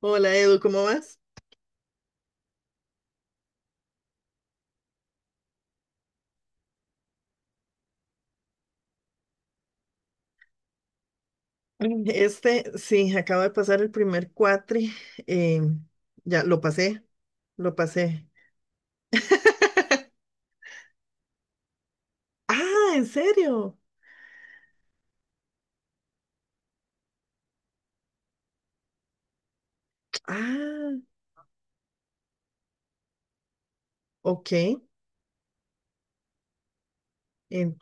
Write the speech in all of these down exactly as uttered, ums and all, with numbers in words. Hola Edu, ¿cómo vas? Este, sí, acabo de pasar el primer cuatri. eh, ya lo pasé, lo pasé. Ah, ¿en serio? Ah, ok. en-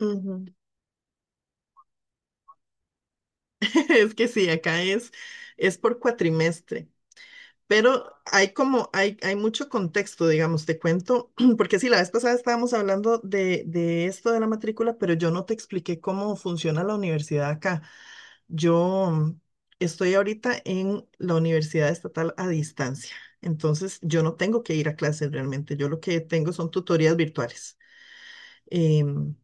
ujú. Es que sí, acá es, es por cuatrimestre, pero hay como, hay, hay mucho contexto, digamos, te cuento, porque sí, la vez pasada estábamos hablando de, de esto de la matrícula, pero yo no te expliqué cómo funciona la universidad acá. Yo mm, estoy ahorita en la Universidad Estatal a Distancia, entonces yo no tengo que ir a clases realmente, yo lo que tengo son tutorías virtuales. Em,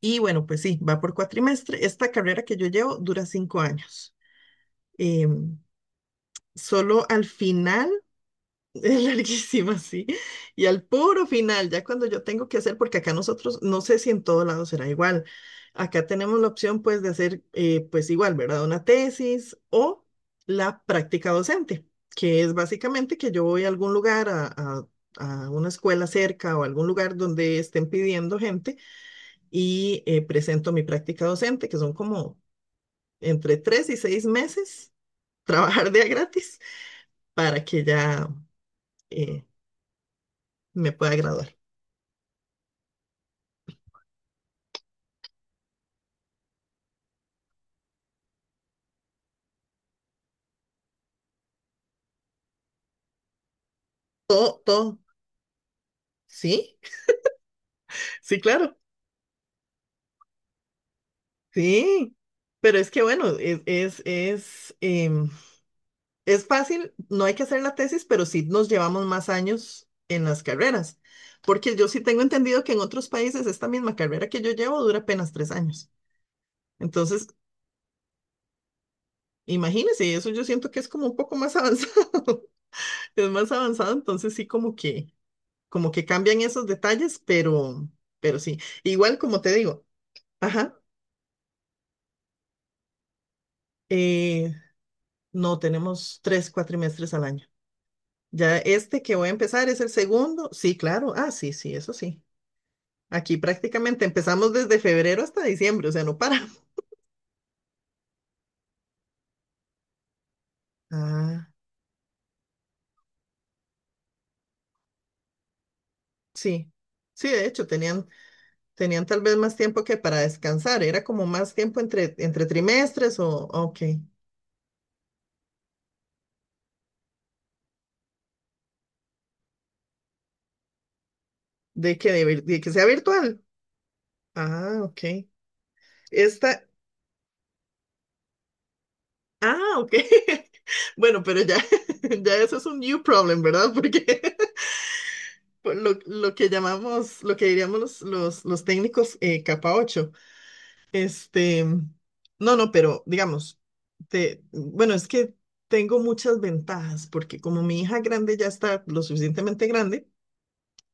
y bueno, pues sí, va por cuatrimestre. Esta carrera que yo llevo dura cinco años. Em, solo al final Es larguísima, sí. Y al puro final, ya cuando yo tengo que hacer, porque acá nosotros, no sé si en todo lado será igual, acá tenemos la opción pues de hacer eh, pues igual, ¿verdad? Una tesis o la práctica docente, que es básicamente que yo voy a algún lugar, a, a- a una escuela cerca o algún lugar donde estén pidiendo gente y eh, presento mi práctica docente, que son como entre tres y seis meses, trabajar de a gratis para que ya eh, me pueda graduar. Todo, todo. Sí, sí, claro. Sí. Pero es que bueno, es, es, es, em, es fácil, no hay que hacer la tesis, pero sí nos llevamos más años en las carreras. Porque yo sí tengo entendido que en otros países esta misma carrera que yo llevo dura apenas tres años. Entonces, imagínense, eso yo siento que es como un poco más avanzado. Es más avanzado, entonces sí como que, como que cambian esos detalles, pero, pero sí. Igual como te digo, ajá. Eh, No, tenemos tres cuatrimestres al año. Ya este que voy a empezar es el segundo. Sí, claro. Ah, sí, sí, eso sí. Aquí prácticamente empezamos desde febrero hasta diciembre, o sea, no paramos. Ah, sí. Sí, de hecho, tenían, tenían tal vez más tiempo que para descansar. Era como más tiempo entre, entre trimestres o, ok. De que, de, vir- de que sea virtual. Ah, ok. Esta, ah, ok. Bueno, pero ya, ya eso es un new problem, ¿verdad? Porque por Lo, lo que llamamos, lo que diríamos los, los, los técnicos eh, capa ocho. Este, no, no, pero digamos, te, bueno, es que tengo muchas ventajas porque como mi hija grande ya está lo suficientemente grande,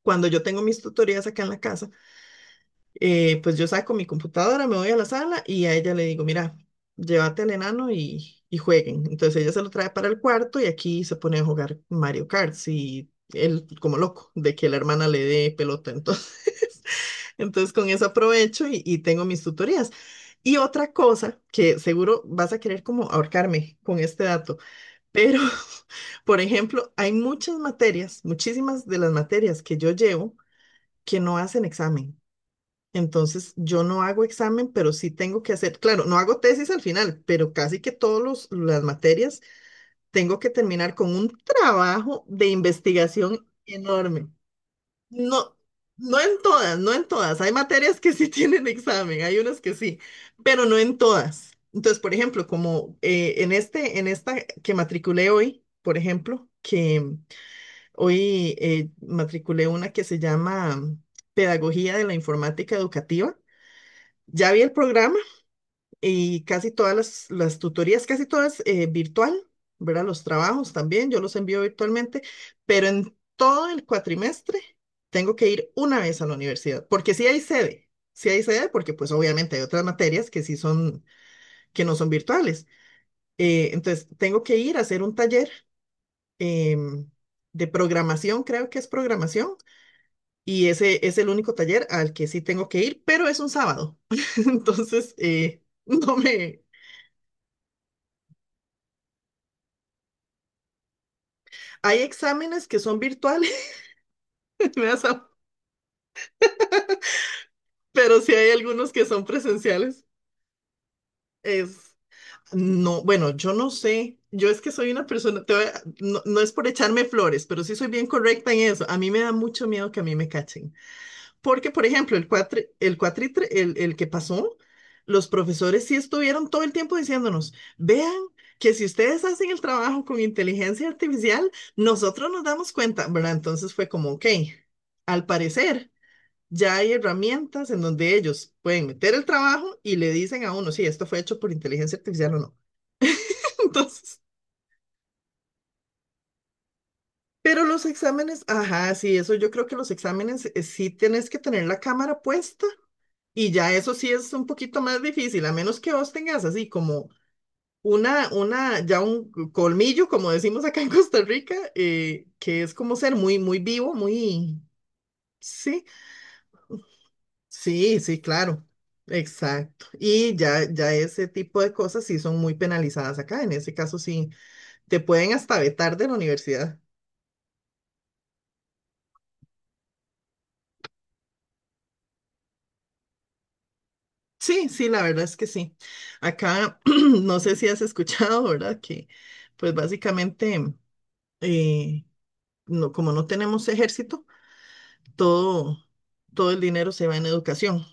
cuando yo tengo mis tutorías acá en la casa, eh, pues yo saco mi computadora, me voy a la sala y a ella le digo, mira, llévate al enano y, y jueguen. Entonces ella se lo trae para el cuarto y aquí se pone a jugar Mario Kart y él como loco de que la hermana le dé pelota. Entonces, entonces con eso aprovecho y, y tengo mis tutorías. Y otra cosa que seguro vas a querer como ahorcarme con este dato, pero por ejemplo, hay muchas materias, muchísimas de las materias que yo llevo que no hacen examen. Entonces, yo no hago examen, pero sí tengo que hacer, claro, no hago tesis al final, pero casi que todas las materias tengo que terminar con un trabajo de investigación enorme. No, no en todas, no en todas. Hay materias que sí tienen examen, hay unas que sí, pero no en todas. Entonces, por ejemplo, como eh, en este, en esta que matriculé hoy, por ejemplo, que hoy eh, matriculé una que se llama Pedagogía de la Informática Educativa, ya vi el programa y casi todas las, las tutorías, casi todas eh, virtual, ¿verdad? Los trabajos también, yo los envío virtualmente, pero en todo el cuatrimestre tengo que ir una vez a la universidad, porque sí hay sede, sí hay sede, porque pues obviamente hay otras materias que sí son, que no son virtuales. Eh, entonces, tengo que ir a hacer un taller em, de programación, creo que es programación, y ese es el único taller al que sí tengo que ir, pero es un sábado. Entonces, eh, no me, hay exámenes que son virtuales, me da sa- pero sí hay algunos que son presenciales. Es, no, bueno, yo no sé. Yo es que soy una persona, te voy a- no, no es por echarme flores, pero sí soy bien correcta en eso. A mí me da mucho miedo que a mí me cachen. Porque, por ejemplo, el cuatri, el cuatritre, el, el que pasó, los profesores sí estuvieron todo el tiempo diciéndonos, vean que si ustedes hacen el trabajo con inteligencia artificial, nosotros nos damos cuenta, ¿verdad? Entonces fue como, ok, al parecer ya hay herramientas en donde ellos pueden meter el trabajo y le dicen a uno, sí, esto fue hecho por inteligencia artificial o no. Entonces, pero los exámenes, ajá, sí, eso yo creo que los exámenes eh, sí tienes que tener la cámara puesta y ya eso sí es un poquito más difícil, a menos que vos tengas así como una, una, ya un colmillo, como decimos acá en Costa Rica, eh, que es como ser muy, muy vivo, muy, sí. Sí, sí, claro. Exacto. Y ya, ya ese tipo de cosas sí son muy penalizadas acá. En ese caso sí, te pueden hasta vetar de la universidad. Sí, sí, la verdad es que sí. Acá, no sé si has escuchado, ¿verdad? Que pues básicamente, eh, no, como no tenemos ejército, todo, todo el dinero se va en educación.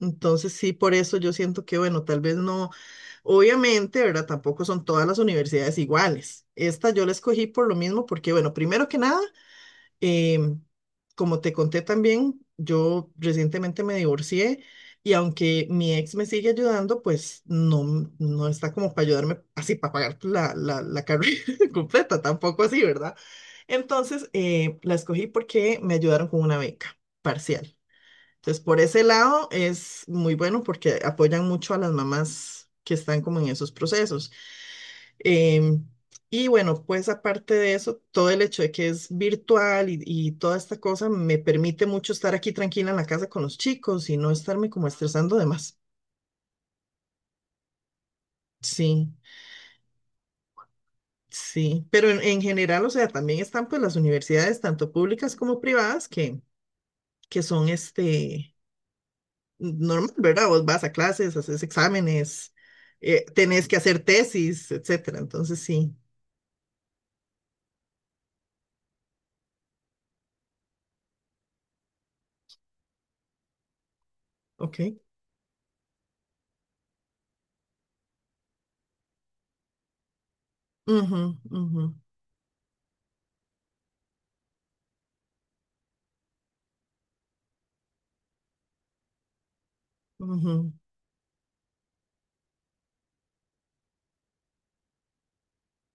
Entonces, sí, por eso yo siento que, bueno, tal vez no, obviamente, ¿verdad? Tampoco son todas las universidades iguales. Esta yo la escogí por lo mismo, porque, bueno, primero que nada, em, como te conté también, yo recientemente me divorcié y aunque mi ex me sigue ayudando, pues no, m- no está como para ayudarme así, para pagar la, la, la carrera completa, tampoco así, ¿verdad? Entonces, eh, la escogí porque me ayudaron con una beca parcial. Entonces, por ese lado es muy bueno porque apoyan mucho a las mamás que están como en esos procesos. Em, y bueno, pues aparte de eso, todo el hecho de que es virtual y, y toda esta cosa me permite mucho estar aquí tranquila en la casa con los chicos y no estarme como estresando de más. Sí, sí, pero en, en general, o sea, también están pues las universidades, tanto públicas como privadas, que, que son este normal, ¿verdad? Vos vas a clases, haces exámenes, eh, tenés que hacer tesis, etcétera. Entonces, sí, ok. Ujú, ujú, ujú,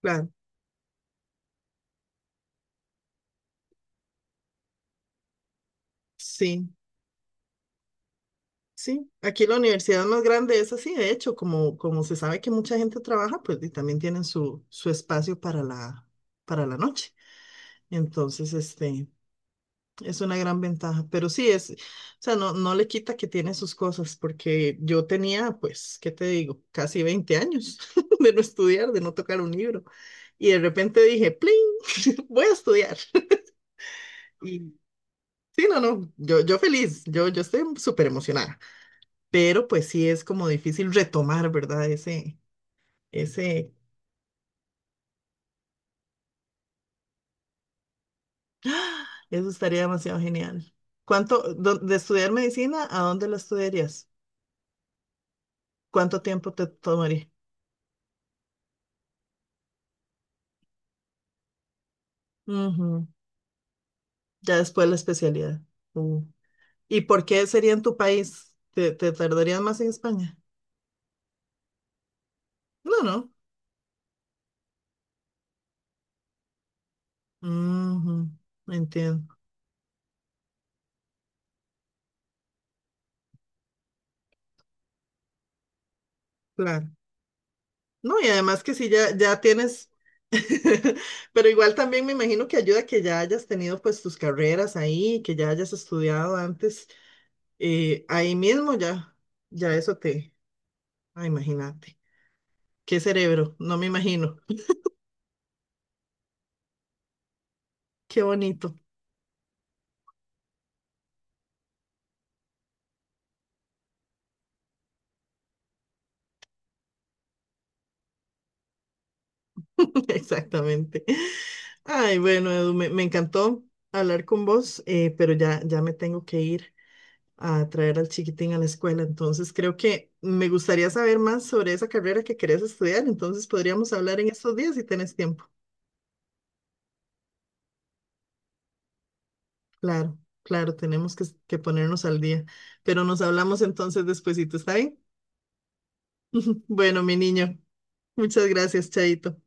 claro, sí, sí. Aquí la universidad más grande es así, de hecho, como, como se sabe que mucha gente trabaja, pues y también tienen su, su espacio para la, para la noche. Entonces, este, es una gran ventaja, pero sí es, o sea, no, no le quita que tiene sus cosas, porque yo tenía, pues, ¿qué te digo? Casi veinte años de no estudiar, de no tocar un libro. Y de repente dije, ¡pling! Voy a estudiar. Y sí, no, no, yo, yo feliz, yo, yo estoy súper emocionada, pero pues sí es como difícil retomar, ¿verdad? Ese, ese, eso estaría demasiado genial. ¿Cuánto, do- De estudiar medicina, ¿a dónde la estudiarías? ¿Cuánto tiempo te tomaría? Ya después la especialidad. Mm. ¿Y por qué sería en tu país? ¿Te, te tardarías más en España? No, no. Ujú, entiendo. Claro. No, y además que si ya, ya tienes, pero igual también me imagino que ayuda que ya hayas tenido pues tus carreras ahí, que ya hayas estudiado antes, eh, ahí mismo ya, ya eso te, ah, imagínate. Qué cerebro, no me imagino. Qué bonito. Exactamente. Ay, bueno, Edu, me, me encantó hablar con vos, eh, pero ya, ya me tengo que ir a traer al chiquitín a la escuela. Entonces, creo que me gustaría saber más sobre esa carrera que querés estudiar. Entonces, podríamos hablar en estos días si tenés tiempo. Claro, claro, tenemos que, que ponernos al día. Pero nos hablamos entonces despuesito, ¿está bien? Bueno, mi niño, muchas gracias, Chaito.